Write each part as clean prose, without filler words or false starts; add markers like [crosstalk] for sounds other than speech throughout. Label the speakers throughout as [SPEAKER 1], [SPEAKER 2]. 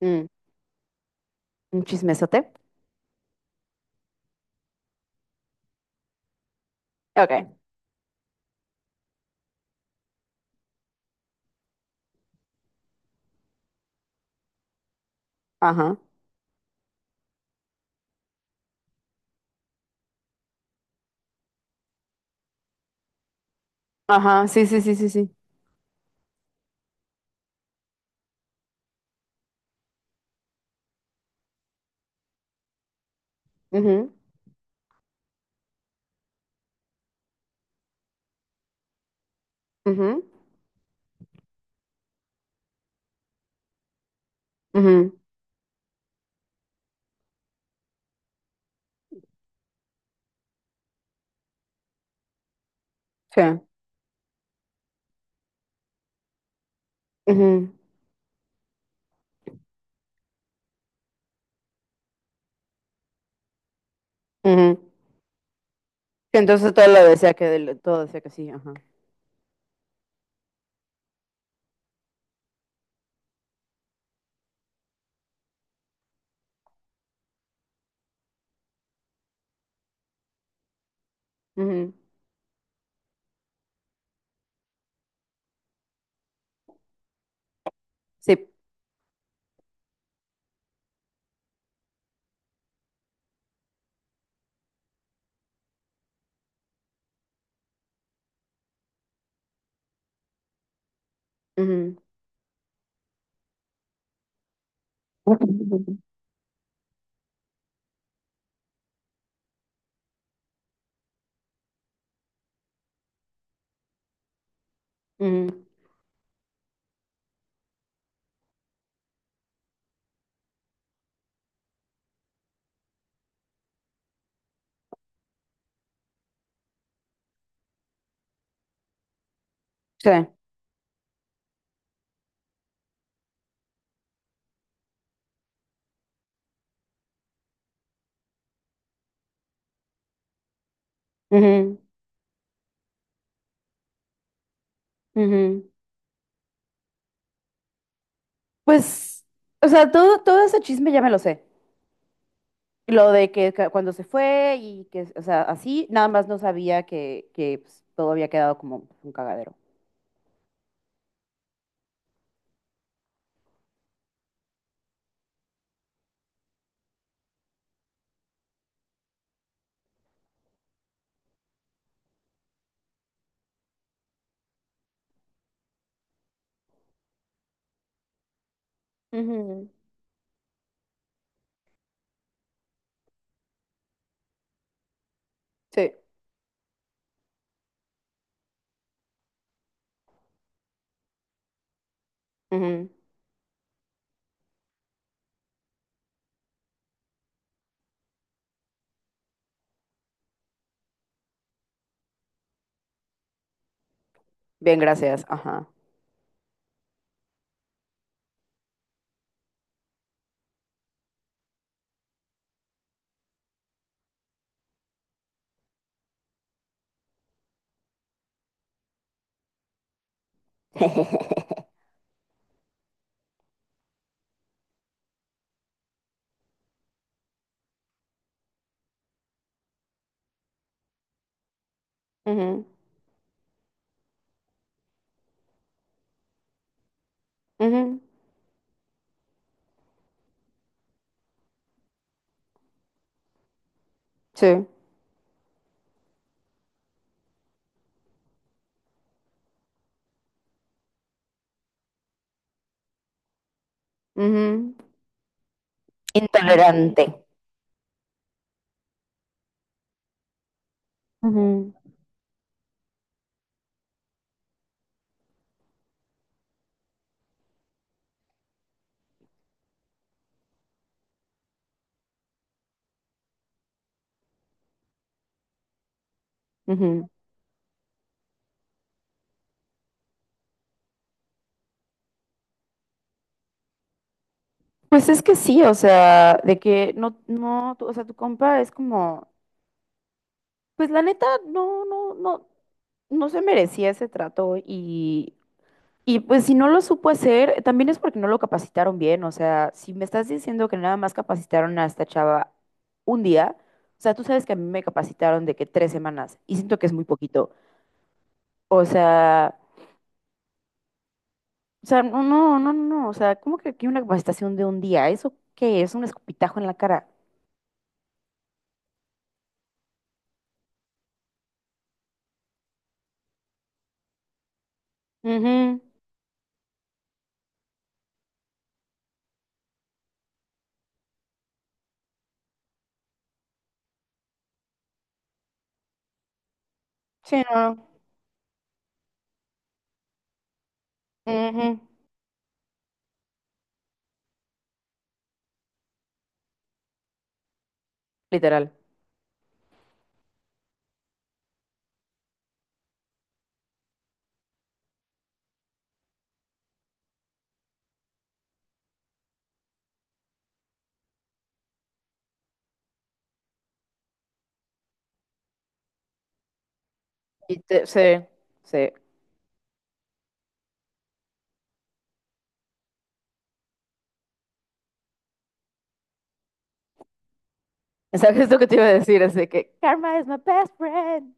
[SPEAKER 1] Mm, un chismesote. Ok. Ajá. Ajá. Sí, sí, sí, sí, sí. Ujú, ujú, ujú, sí. Ujú, ujú. Que Entonces todo decía que sí, ajá. Ujú, sí. Ujú, ujú, sí. Ujú, ujú. Pues, o sea, todo ese chisme ya me lo sé. Lo de que cuando se fue y que, o sea, así, nada más no sabía que, pues, todo había quedado como un cagadero. Ujú, sí. Ujú. Bien, gracias. Ajá. [laughs] Ujú, ujú, sí. Ujú, intolerante. Ujú, ujú. Pues es que sí, o sea, de que no, no, o sea, tu compa es como, pues la neta, no, no, no, no se merecía ese trato, y pues si no lo supo hacer, también es porque no lo capacitaron bien, o sea, si me estás diciendo que nada más capacitaron a esta chava un día, o sea, tú sabes que a mí me capacitaron de que 3 semanas y siento que es muy poquito, o sea... o sea, no, no, no, no, o sea, ¿cómo que aquí una capacitación de un día? ¿Eso qué es? Un escupitajo en la cara. Ujú, sí, no. Ujú, literal. Sí, sí. [laughs] ¿Sabes lo que te iba a decir? Así que, karma is my best friend.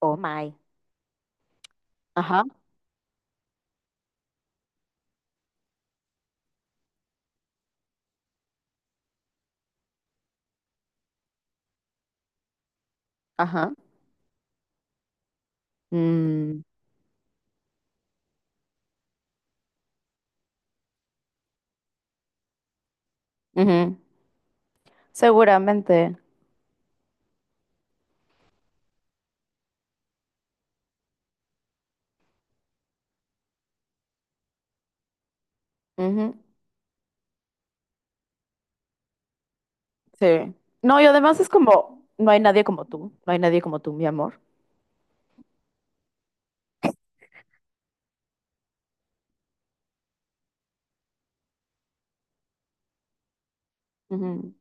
[SPEAKER 1] Oh my. Ajá, ajá. Mm, ujú, seguramente. Ujú, sí. No, y además es como, no hay nadie como tú, no hay nadie como tú, mi amor. Ujú,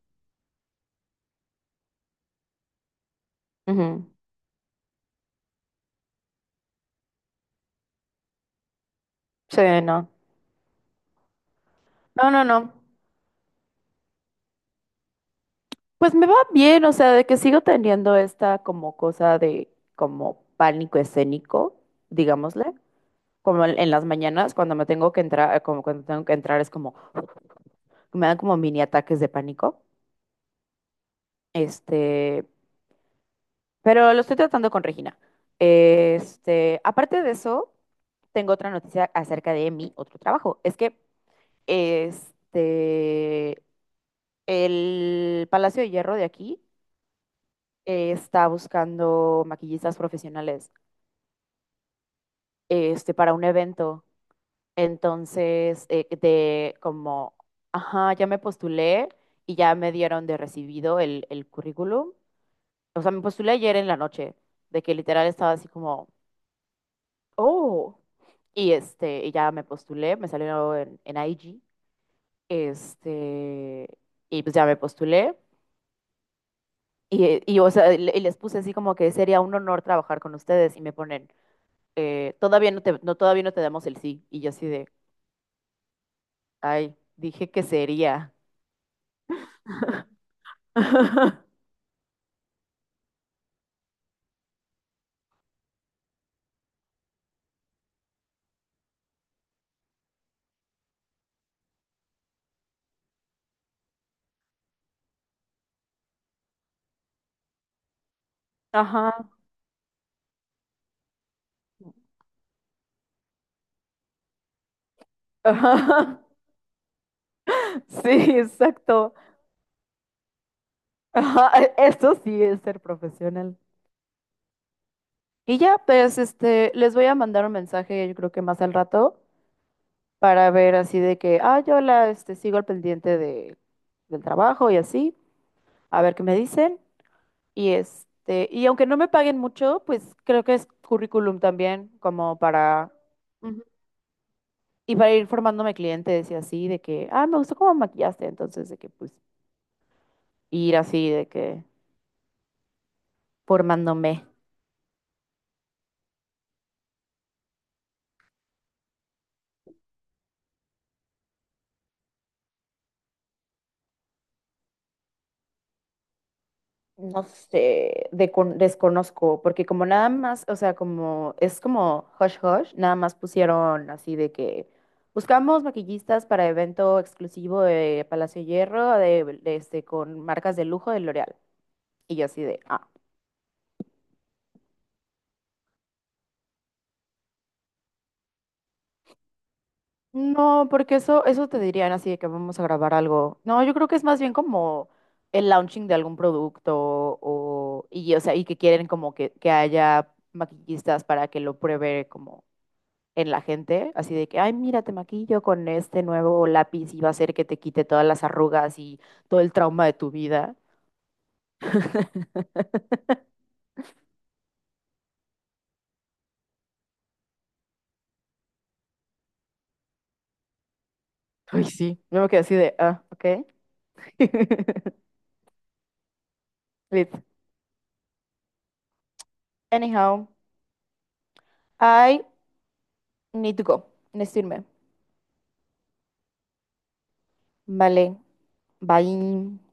[SPEAKER 1] ujú, sí, no. No, no, no. Pues me va bien, o sea, de que sigo teniendo esta como cosa de como pánico escénico, digámosle, como en las mañanas cuando me tengo que entrar, como cuando tengo que entrar es como me dan como mini ataques de pánico. Este, pero lo estoy tratando con Regina. Aparte de eso, tengo otra noticia acerca de mi otro trabajo. Es que este el Palacio de Hierro de aquí está buscando maquillistas profesionales. Para un evento. Entonces, de como, ajá, ya me postulé y ya me dieron de recibido el currículum. O sea, me postulé ayer en la noche, de que literal estaba así como, oh, y ya me postulé, me salió en, IG, este, y pues ya me postulé. Y, o sea, y les puse así como que sería un honor trabajar con ustedes y me ponen, todavía no te damos el sí. Y yo así de, ay, dije que sería. [laughs] Ajá, ajá. [laughs] Sí, exacto. Ajá, eso sí es ser profesional. Y ya, pues, les voy a mandar un mensaje, yo creo que más al rato, para ver así de que, ah, sigo al pendiente del trabajo y así, a ver qué me dicen. Y aunque no me paguen mucho, pues creo que es currículum también, como para. Y para ir formándome clientes y así, de que, ah, me gustó cómo maquillaste, entonces de que pues ir así, de que formándome, no sé, de desconozco, porque como nada más, o sea, como es como hush hush, nada más pusieron así de que buscamos maquillistas para evento exclusivo de Palacio de Hierro, con marcas de lujo de L'Oreal. Y yo así de, ah, no, porque eso te dirían así de que vamos a grabar algo. No, yo creo que es más bien como el launching de algún producto o sea, y que quieren como que, haya maquillistas para que lo pruebe como en la gente, así de que, ay, mira, te maquillo con este nuevo lápiz y va a hacer que te quite todas las arrugas y todo el trauma de tu vida. Ay, sí, yo me quedé así de, ah, ok. [laughs] Lit. Anyhow, I need to go. Necesito irme. Vale. Bye.